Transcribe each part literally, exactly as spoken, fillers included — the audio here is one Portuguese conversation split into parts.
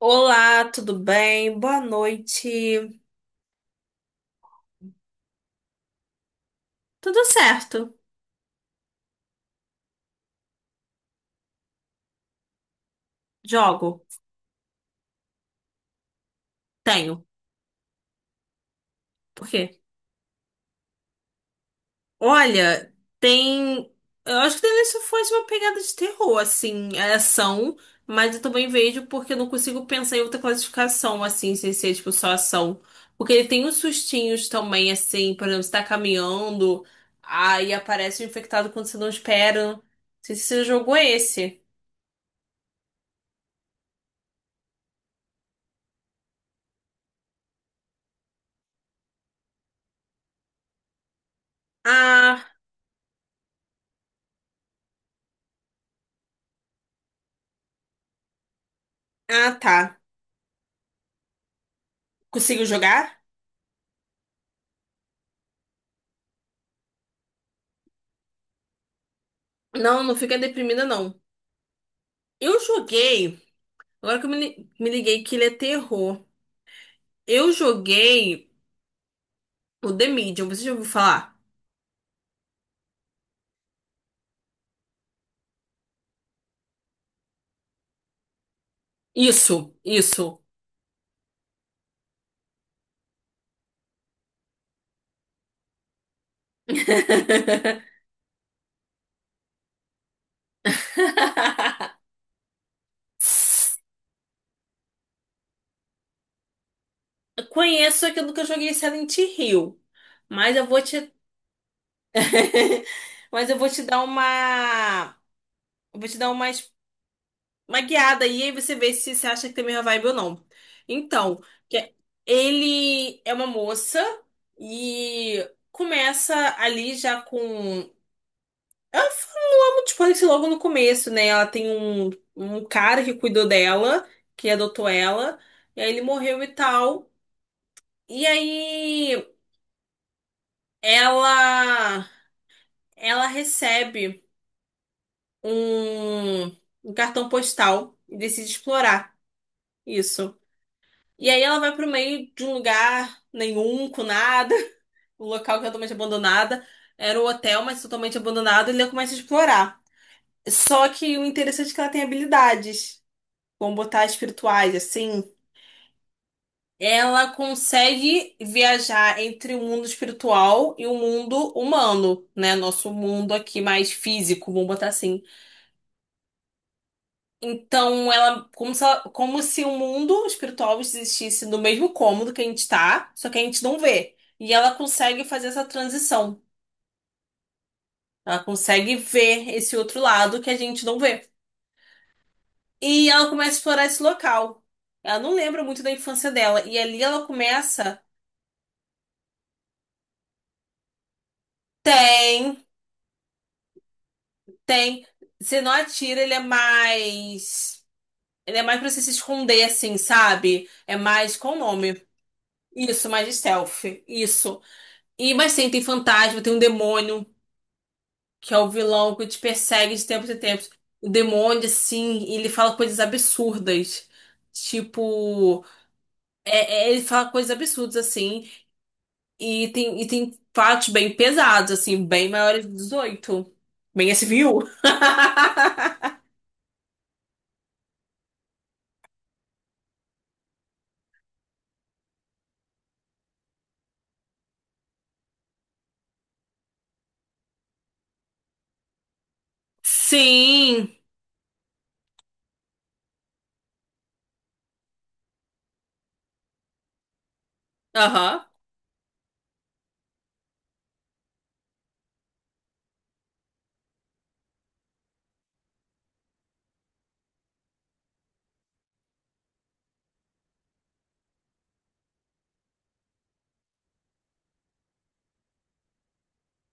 Olá, tudo bem? Boa noite. Tudo certo. Jogo. Tenho. Por quê? Olha, tem. Eu acho que deve ser foi uma pegada de terror, assim, é ação, mas eu também vejo porque eu não consigo pensar em outra classificação, assim, sem ser tipo só ação. Porque ele tem uns sustinhos também, assim, por exemplo, você tá caminhando, aí aparece um infectado quando você não espera. Não sei se você jogou esse. Ah, ah, tá. Consigo jogar? Não, não fica deprimida, não. Eu joguei. Agora que eu me, li- me liguei que ele é terror. Eu joguei o The Medium. Você já ouviu falar? Isso, isso. Conheço, é que eu nunca joguei Silent Hill. Mas eu vou te. Mas eu vou te dar uma. Eu Vou te dar uma. Uma guiada aí, aí você vê se você acha que tem a mesma vibe ou não. Então, que é- ele é uma moça e começa ali já com. Ela fala muito spoiler logo no começo, né? Ela tem um, um cara que cuidou dela, que adotou ela, e aí ele morreu e tal. E aí ela, ela recebe um, um cartão postal e decide explorar isso. E aí ela vai pro meio de um lugar nenhum, com nada, um local que é totalmente abandonada. Era o hotel, mas totalmente abandonado, e ela começa a explorar. Só que o interessante é que ela tem habilidades, como botar espirituais, assim. Ela consegue viajar entre o mundo espiritual e o mundo humano, né? Nosso mundo aqui mais físico, vamos botar assim. Então, ela, como se, ela- como se o mundo espiritual existisse no mesmo cômodo que a gente tá, só que a gente não vê. E ela consegue fazer essa transição. Ela consegue ver esse outro lado que a gente não vê. E ela começa a explorar esse local. Ela não lembra muito da infância dela. E ali ela começa. Tem, tem. Você não atira, ele é mais. Ele é mais pra você se esconder, assim, sabe? É mais. Qual o nome? Isso, mais de stealth. Isso. E, mas sim, tem fantasma, tem um demônio, que é o vilão que te persegue de tempos em tempos. O demônio, assim, ele fala coisas absurdas. Tipo, é, é, ele fala coisas absurdas, assim. E tem, e tem fatos bem pesados, assim, bem maiores de dezoito. Bem S V U. Sim. Aham.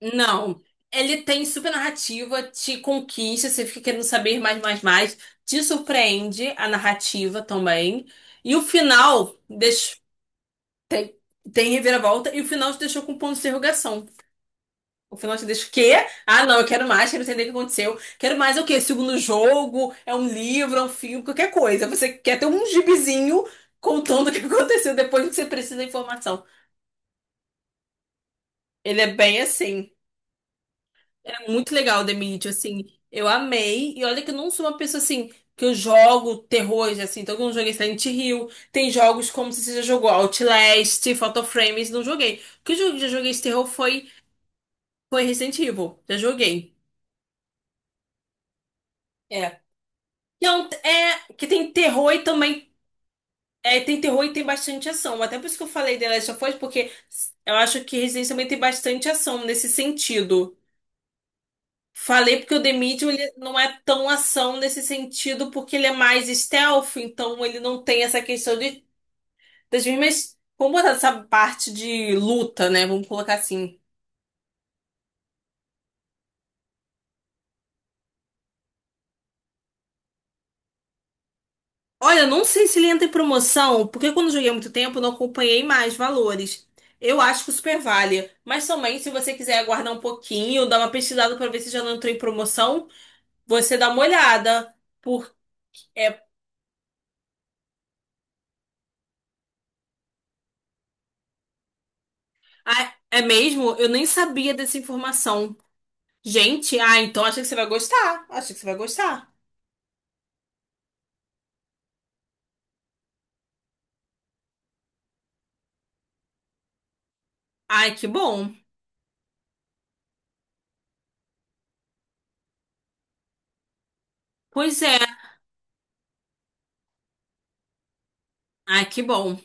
Não. Ele tem super narrativa, te conquista, você fica querendo saber mais, mais, mais. Te surpreende a narrativa também. E o final deixa... tem, tem reviravolta e o final te deixou com um ponto de interrogação. O final te deixa o quê? Ah, não, eu quero mais, quero entender o que aconteceu. Quero mais é o quê? Segundo jogo, é um livro, é um filme, qualquer coisa. Você quer ter um gibizinho contando o que aconteceu depois que você precisa da informação. Ele é bem assim. É muito legal The Medium, assim. Eu amei. E olha que eu não sou uma pessoa assim que eu jogo terrores, assim. Então eu não joguei Silent Hill. Tem jogos como se você já jogou Outlast, Fatal Frames, não joguei. O que eu já joguei de terror foi, foi Resident Evil. Já joguei. É. Então, é que tem terror e também. É, tem terror e tem bastante ação. Até por isso que eu falei The Last of Us, porque eu acho que Resident também tem bastante ação nesse sentido. Falei porque o The Medium ele não é tão ação nesse sentido, porque ele é mais stealth, então ele não tem essa questão de, das mesmas. Vamos botar essa parte de luta, né? Vamos colocar assim. Olha, eu não sei se ele entra em promoção, porque quando eu joguei há muito tempo, eu não acompanhei mais valores. Eu acho que super vale. Mas também, se você quiser aguardar um pouquinho, dar uma pesquisada pra ver se já não entrou em promoção, você dá uma olhada. Por... É... Ah, é mesmo? Eu nem sabia dessa informação. Gente, ah, então acho que você vai gostar. Acho que você vai gostar. Ai, que bom. Pois é. Ai, que bom.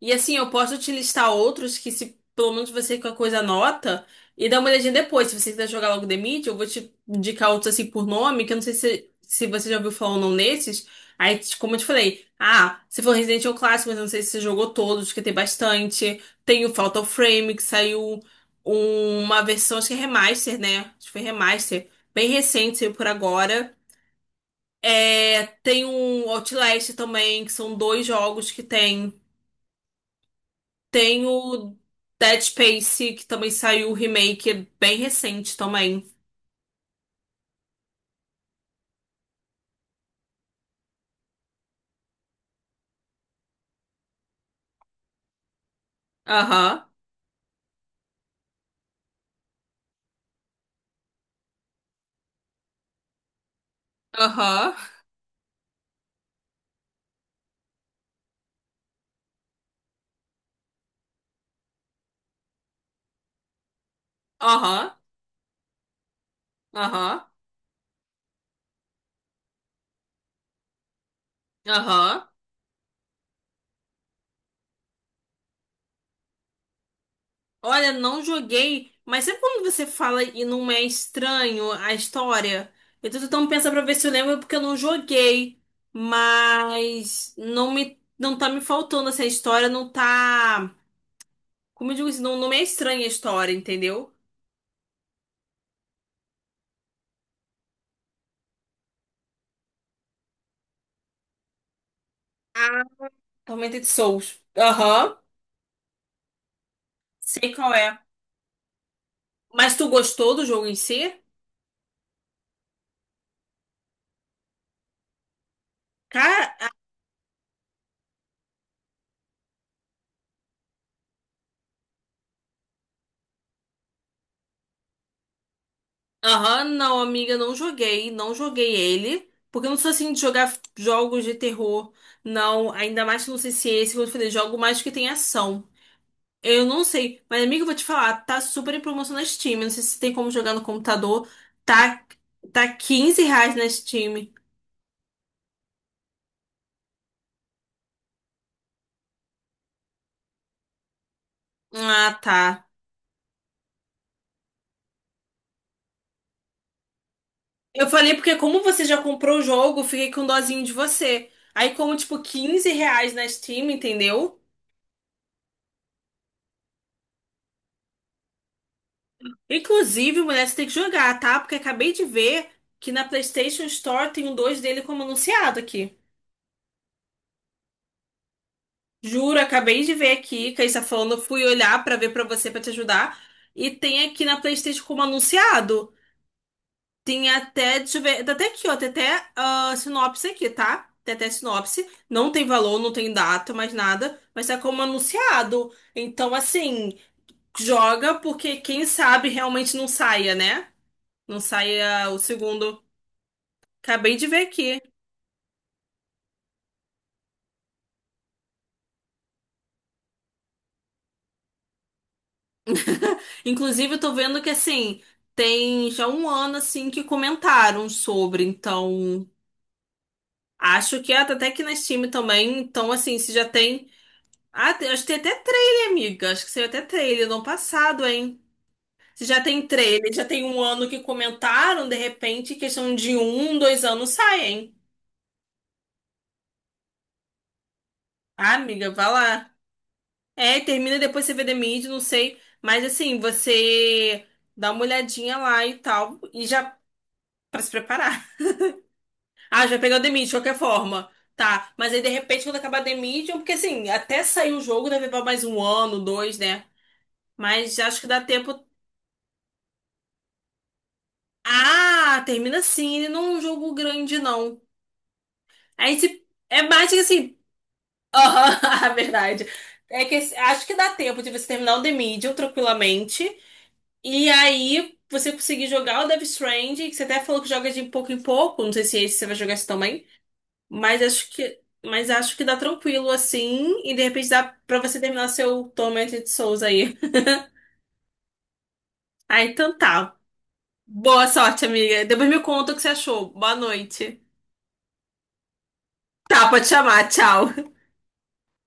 E assim, eu posso te listar outros que se pelo menos você com a coisa anota e dá uma olhadinha depois. Se você quiser jogar logo The Meet, eu vou te indicar outros assim por nome, que eu não sei se, se você já ouviu falar ou não nesses. Aí, como eu te falei, ah, você falou Resident Evil Clássico, mas eu não sei se você jogou todos, que tem bastante. Tem o Fatal Frame, que saiu uma versão, acho que é remaster, né? Acho que foi remaster. Bem recente, saiu por agora. É, tem um Outlast também, que são dois jogos que tem. Tem o Dead Space, que também saiu o remake, é bem recente também. Aham, aham, aham, aham, aham. Olha, não joguei, mas sempre quando você fala e não é estranho a história, eu tô tentando pensar pra ver se eu lembro, porque eu não joguei. Mas não me, não tá me faltando essa história, não tá. Como eu digo, isso não, não me é estranha a história, entendeu? Tormented de Souls. Aham. Sei qual é. Mas tu gostou do jogo em si? Cara, aham, não, amiga, não joguei. Não joguei ele. Porque eu não sou assim de jogar jogos de terror. Não, ainda mais que eu não sei se é esse, como eu falei, jogo mais que tem ação. Eu não sei. Mas, amiga, eu vou te falar, tá super em promoção na Steam. Eu não sei se tem como jogar no computador. Tá, tá quinze reais na Steam. Ah, tá. Eu falei porque como você já comprou o jogo, eu fiquei com dozinho de você. Aí como, tipo, quinze reais na Steam, entendeu? Inclusive, mulher, você tem que jogar, tá? Porque acabei de ver que na PlayStation Store tem um dois dele como anunciado aqui. Juro, acabei de ver aqui, que a gente tá falando, fui olhar pra ver pra você, pra te ajudar. E tem aqui na PlayStation como anunciado. Tem até, deixa eu ver, tá até aqui, ó, tem até ah, sinopse aqui, tá? Tem até sinopse, não tem valor, não tem data, mais nada, mas tá como anunciado. Então, assim, joga porque quem sabe realmente não saia, né? Não saia o segundo. Acabei de ver aqui. Inclusive, eu tô vendo que, assim, tem já um ano, assim, que comentaram sobre, então, acho que é, tá até aqui na Steam também, então, assim, se já tem. Ah, tem- acho que tem até trailer, amiga. Acho que saiu até trailer no ano passado, hein? Se já tem trailer, já tem um ano que comentaram, de repente, questão de um, dois anos sai, hein? Ah, amiga, vá lá. É, termina e depois você vê The Mid, não sei. Mas assim, você dá uma olhadinha lá e tal, e já pra se preparar. Ah, já pegar o The Mid, de qualquer forma. Tá, mas aí de repente quando acabar The Medium, porque assim, até sair o jogo deve levar mais um ano, dois, né? Mas acho que dá tempo. Ah, termina assim, ele não é um jogo grande, não. Aí se... é mais que assim. Aham, a verdade. É que esse- acho que dá tempo de você terminar o The Medium tranquilamente. E aí você conseguir jogar o Death Stranding, que você até falou que joga de pouco em pouco. Não sei se esse você vai jogar esse também. Mas acho que. Mas acho que dá tranquilo assim. E de repente dá pra você terminar seu Tormented Souls aí. Ah, então tá. Boa sorte, amiga. Depois me conta o que você achou. Boa noite. Tá, pode chamar. Tchau.